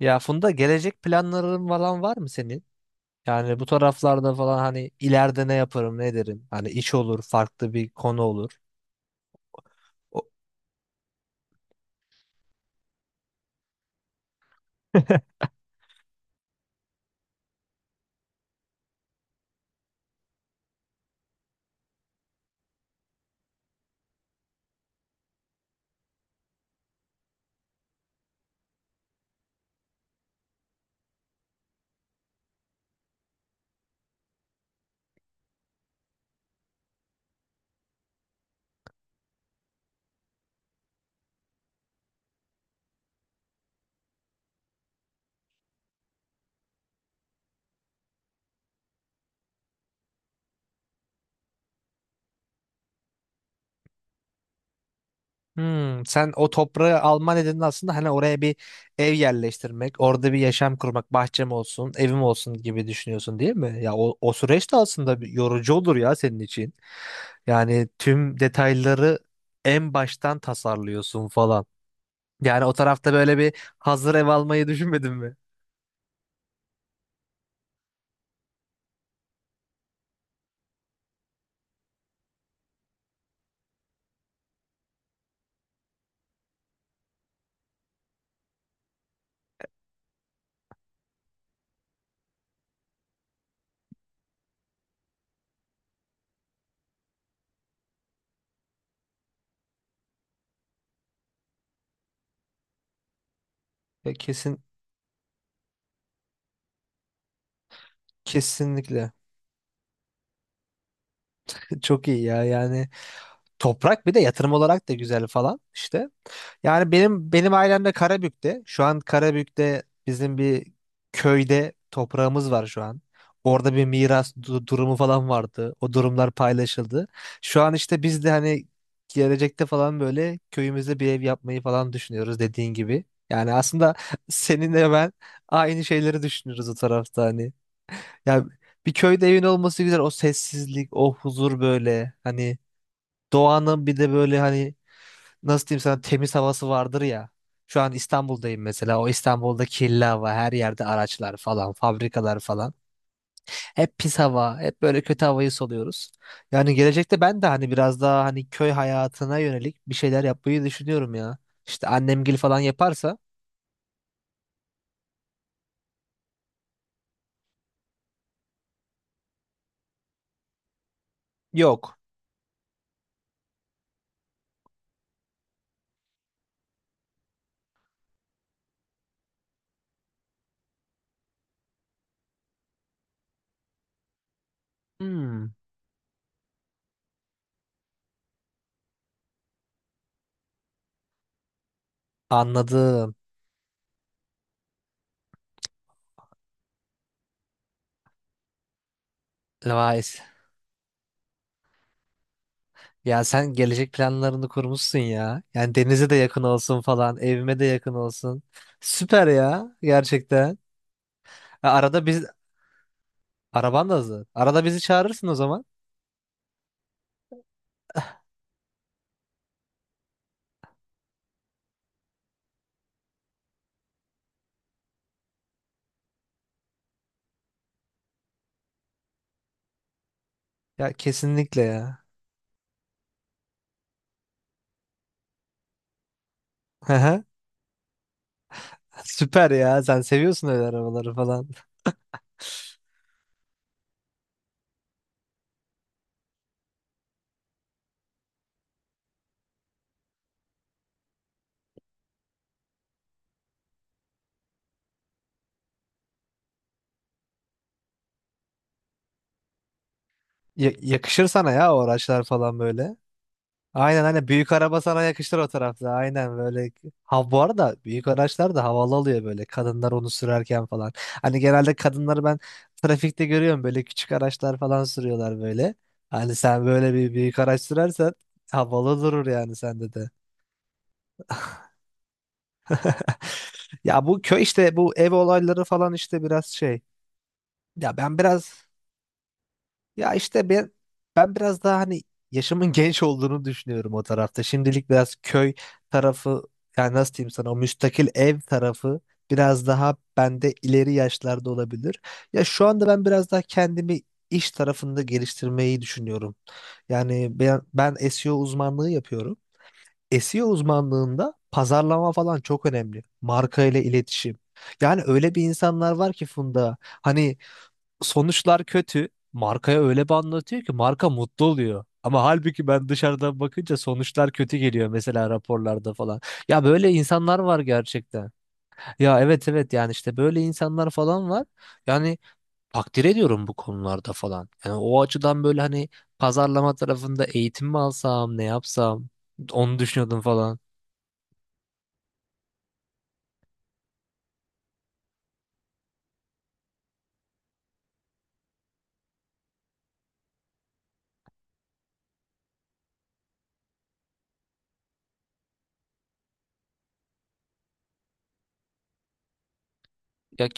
Ya Funda, gelecek planların falan var mı senin? Yani bu taraflarda falan hani ileride ne yaparım ne derim? Hani iş olur, farklı bir konu olur. O- Hmm, sen o toprağı alma nedenin aslında hani oraya bir ev yerleştirmek, orada bir yaşam kurmak, bahçem olsun, evim olsun gibi düşünüyorsun değil mi? Ya o süreç de aslında bir yorucu olur ya senin için. Yani tüm detayları en baştan tasarlıyorsun falan. Yani o tarafta böyle bir hazır ev almayı düşünmedin mi? Ya kesin. Kesinlikle. Çok iyi ya. Yani toprak bir de yatırım olarak da güzel falan işte. Yani benim ailem de Karabük'te. Şu an Karabük'te bizim bir köyde toprağımız var şu an. Orada bir miras durumu falan vardı. O durumlar paylaşıldı. Şu an işte biz de hani gelecekte falan böyle köyümüzde bir ev yapmayı falan düşünüyoruz dediğin gibi. Yani aslında seninle ben aynı şeyleri düşünüyoruz o tarafta hani. Ya bir köyde evin olması güzel. O sessizlik, o huzur böyle. Hani doğanın bir de böyle hani nasıl diyeyim sana, temiz havası vardır ya. Şu an İstanbul'dayım mesela. O İstanbul'da kirli hava, her yerde araçlar falan, fabrikalar falan. Hep pis hava, hep böyle kötü havayı soluyoruz. Yani gelecekte ben de hani biraz daha hani köy hayatına yönelik bir şeyler yapmayı düşünüyorum ya. İşte annemgil falan yaparsa. Yok. Hmm, anladım. Vay. Ya sen gelecek planlarını kurmuşsun ya. Yani denize de yakın olsun falan, evime de yakın olsun. Süper ya gerçekten. Ha, arada biz, araban da hazır. Arada bizi çağırırsın o zaman. Ya kesinlikle ya. Hı Süper ya. Sen seviyorsun öyle arabaları falan. Ya- yakışır sana ya o araçlar falan böyle. Aynen aynen, büyük araba sana yakışır o tarafta. Aynen böyle. Ha, bu arada büyük araçlar da havalı oluyor böyle, kadınlar onu sürerken falan. Hani genelde kadınları ben trafikte görüyorum böyle, küçük araçlar falan sürüyorlar böyle. Hani sen böyle bir büyük araç sürersen havalı durur yani sende de. Ya bu köy işte bu ev olayları falan işte biraz şey. Ya ben biraz, ya işte ben biraz daha hani yaşımın genç olduğunu düşünüyorum o tarafta. Şimdilik biraz köy tarafı, yani nasıl diyeyim sana, o müstakil ev tarafı biraz daha bende ileri yaşlarda olabilir. Ya şu anda ben biraz daha kendimi iş tarafında geliştirmeyi düşünüyorum. Yani ben SEO uzmanlığı yapıyorum. SEO uzmanlığında pazarlama falan çok önemli. Marka ile iletişim. Yani öyle bir insanlar var ki Funda, hani sonuçlar kötü. Markaya öyle bir anlatıyor ki marka mutlu oluyor. Ama halbuki ben dışarıdan bakınca sonuçlar kötü geliyor mesela raporlarda falan. Ya böyle insanlar var gerçekten. Ya evet evet, yani işte böyle insanlar falan var. Yani takdir ediyorum bu konularda falan. Yani o açıdan böyle hani pazarlama tarafında eğitim mi alsam, ne yapsam onu düşünüyordum falan. Ya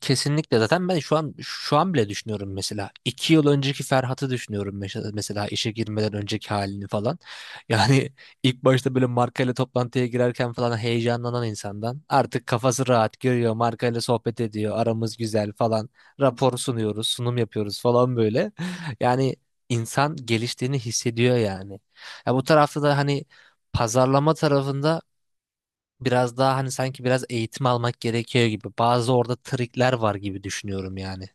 kesinlikle. Zaten ben şu an bile düşünüyorum mesela. İki yıl önceki Ferhat'ı düşünüyorum, mesela işe girmeden önceki halini falan. Yani ilk başta böyle markayla toplantıya girerken falan heyecanlanan insandan artık kafası rahat görüyor, markayla sohbet ediyor, aramız güzel falan, rapor sunuyoruz, sunum yapıyoruz falan böyle. Yani insan geliştiğini hissediyor yani. Ya bu tarafta da hani pazarlama tarafında biraz daha hani sanki biraz eğitim almak gerekiyor gibi. Bazı orada trikler var gibi düşünüyorum yani.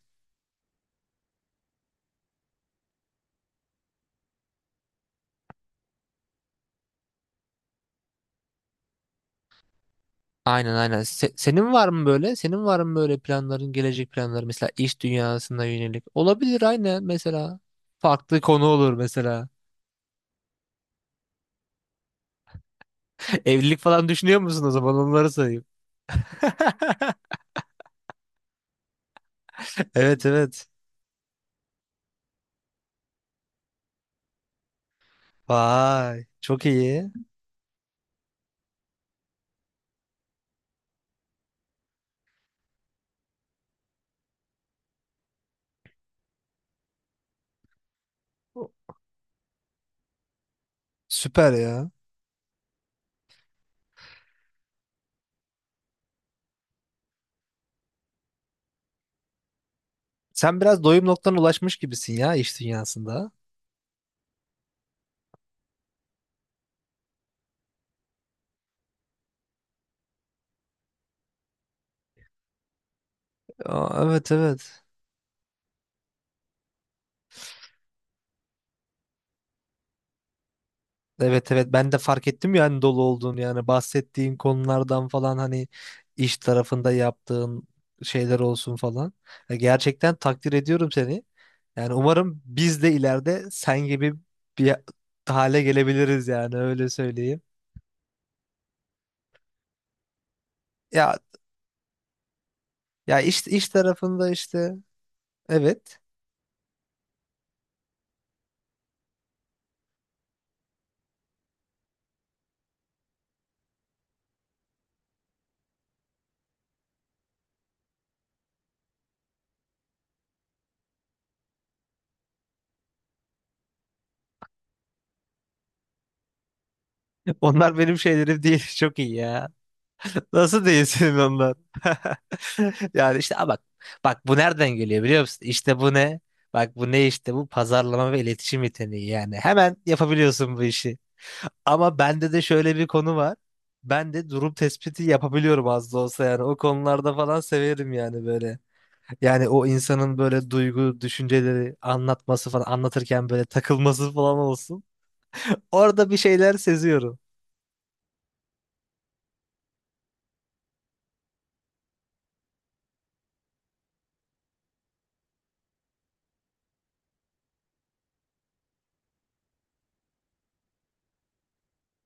Aynen aynen. Senin var mı böyle? Senin var mı böyle planların, gelecek planları, mesela iş dünyasına yönelik? Olabilir aynen mesela. Farklı konu olur mesela. Evlilik falan düşünüyor musun o zaman? Onları sayayım. Evet evet. Vay, çok iyi. Süper ya. Sen biraz doyum noktana ulaşmış gibisin ya iş dünyasında. Aa, evet evet. Evet evet, ben de fark ettim yani dolu olduğunu, yani bahsettiğin konulardan falan hani iş tarafında yaptığın şeyler olsun falan. Ya gerçekten takdir ediyorum seni. Yani umarım biz de ileride sen gibi bir hale gelebiliriz, yani öyle söyleyeyim. Ya ya, iş tarafında işte evet. Onlar benim şeylerim değil. Çok iyi ya. Nasıl değilsin ondan? Yani işte a bak bu nereden geliyor biliyor musun? İşte bu ne? Bak bu ne işte, bu pazarlama ve iletişim yeteneği yani. Hemen yapabiliyorsun bu işi. Ama bende de şöyle bir konu var. Ben de durum tespiti yapabiliyorum az da olsa yani. O konularda falan severim yani böyle. Yani o insanın böyle duygu, düşünceleri anlatması falan, anlatırken böyle takılması falan olsun. Orada bir şeyler seziyorum.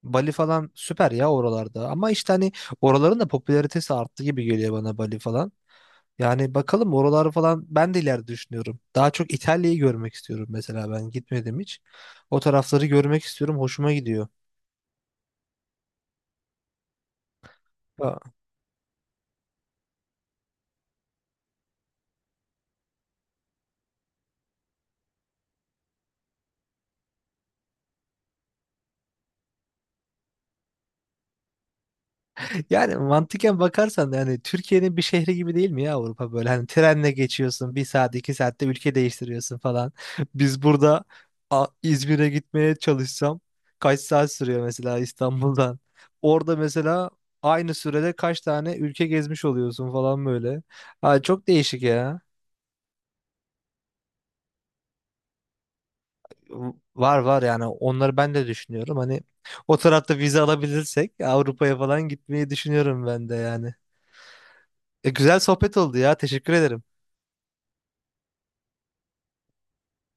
Bali falan süper ya oralarda. Ama işte hani oraların da popülaritesi arttı gibi geliyor bana, Bali falan. Yani bakalım, oraları falan ben de ileride düşünüyorum. Daha çok İtalya'yı görmek istiyorum, mesela ben gitmedim hiç. O tarafları görmek istiyorum. Hoşuma gidiyor. Yani mantıken bakarsan da yani Türkiye'nin bir şehri gibi değil mi ya Avrupa, böyle hani trenle geçiyorsun bir saat iki saatte ülke değiştiriyorsun falan. Biz burada İzmir'e gitmeye çalışsam kaç saat sürüyor mesela İstanbul'dan. Orada mesela aynı sürede kaç tane ülke gezmiş oluyorsun falan böyle. Ha, çok değişik ya. Var var, yani onları ben de düşünüyorum. Hani o tarafta vize alabilirsek Avrupa'ya falan gitmeyi düşünüyorum ben de yani. E, güzel sohbet oldu ya. Teşekkür ederim.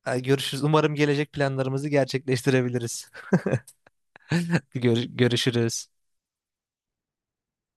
Ay, görüşürüz. Umarım gelecek planlarımızı gerçekleştirebiliriz. Görüşürüz.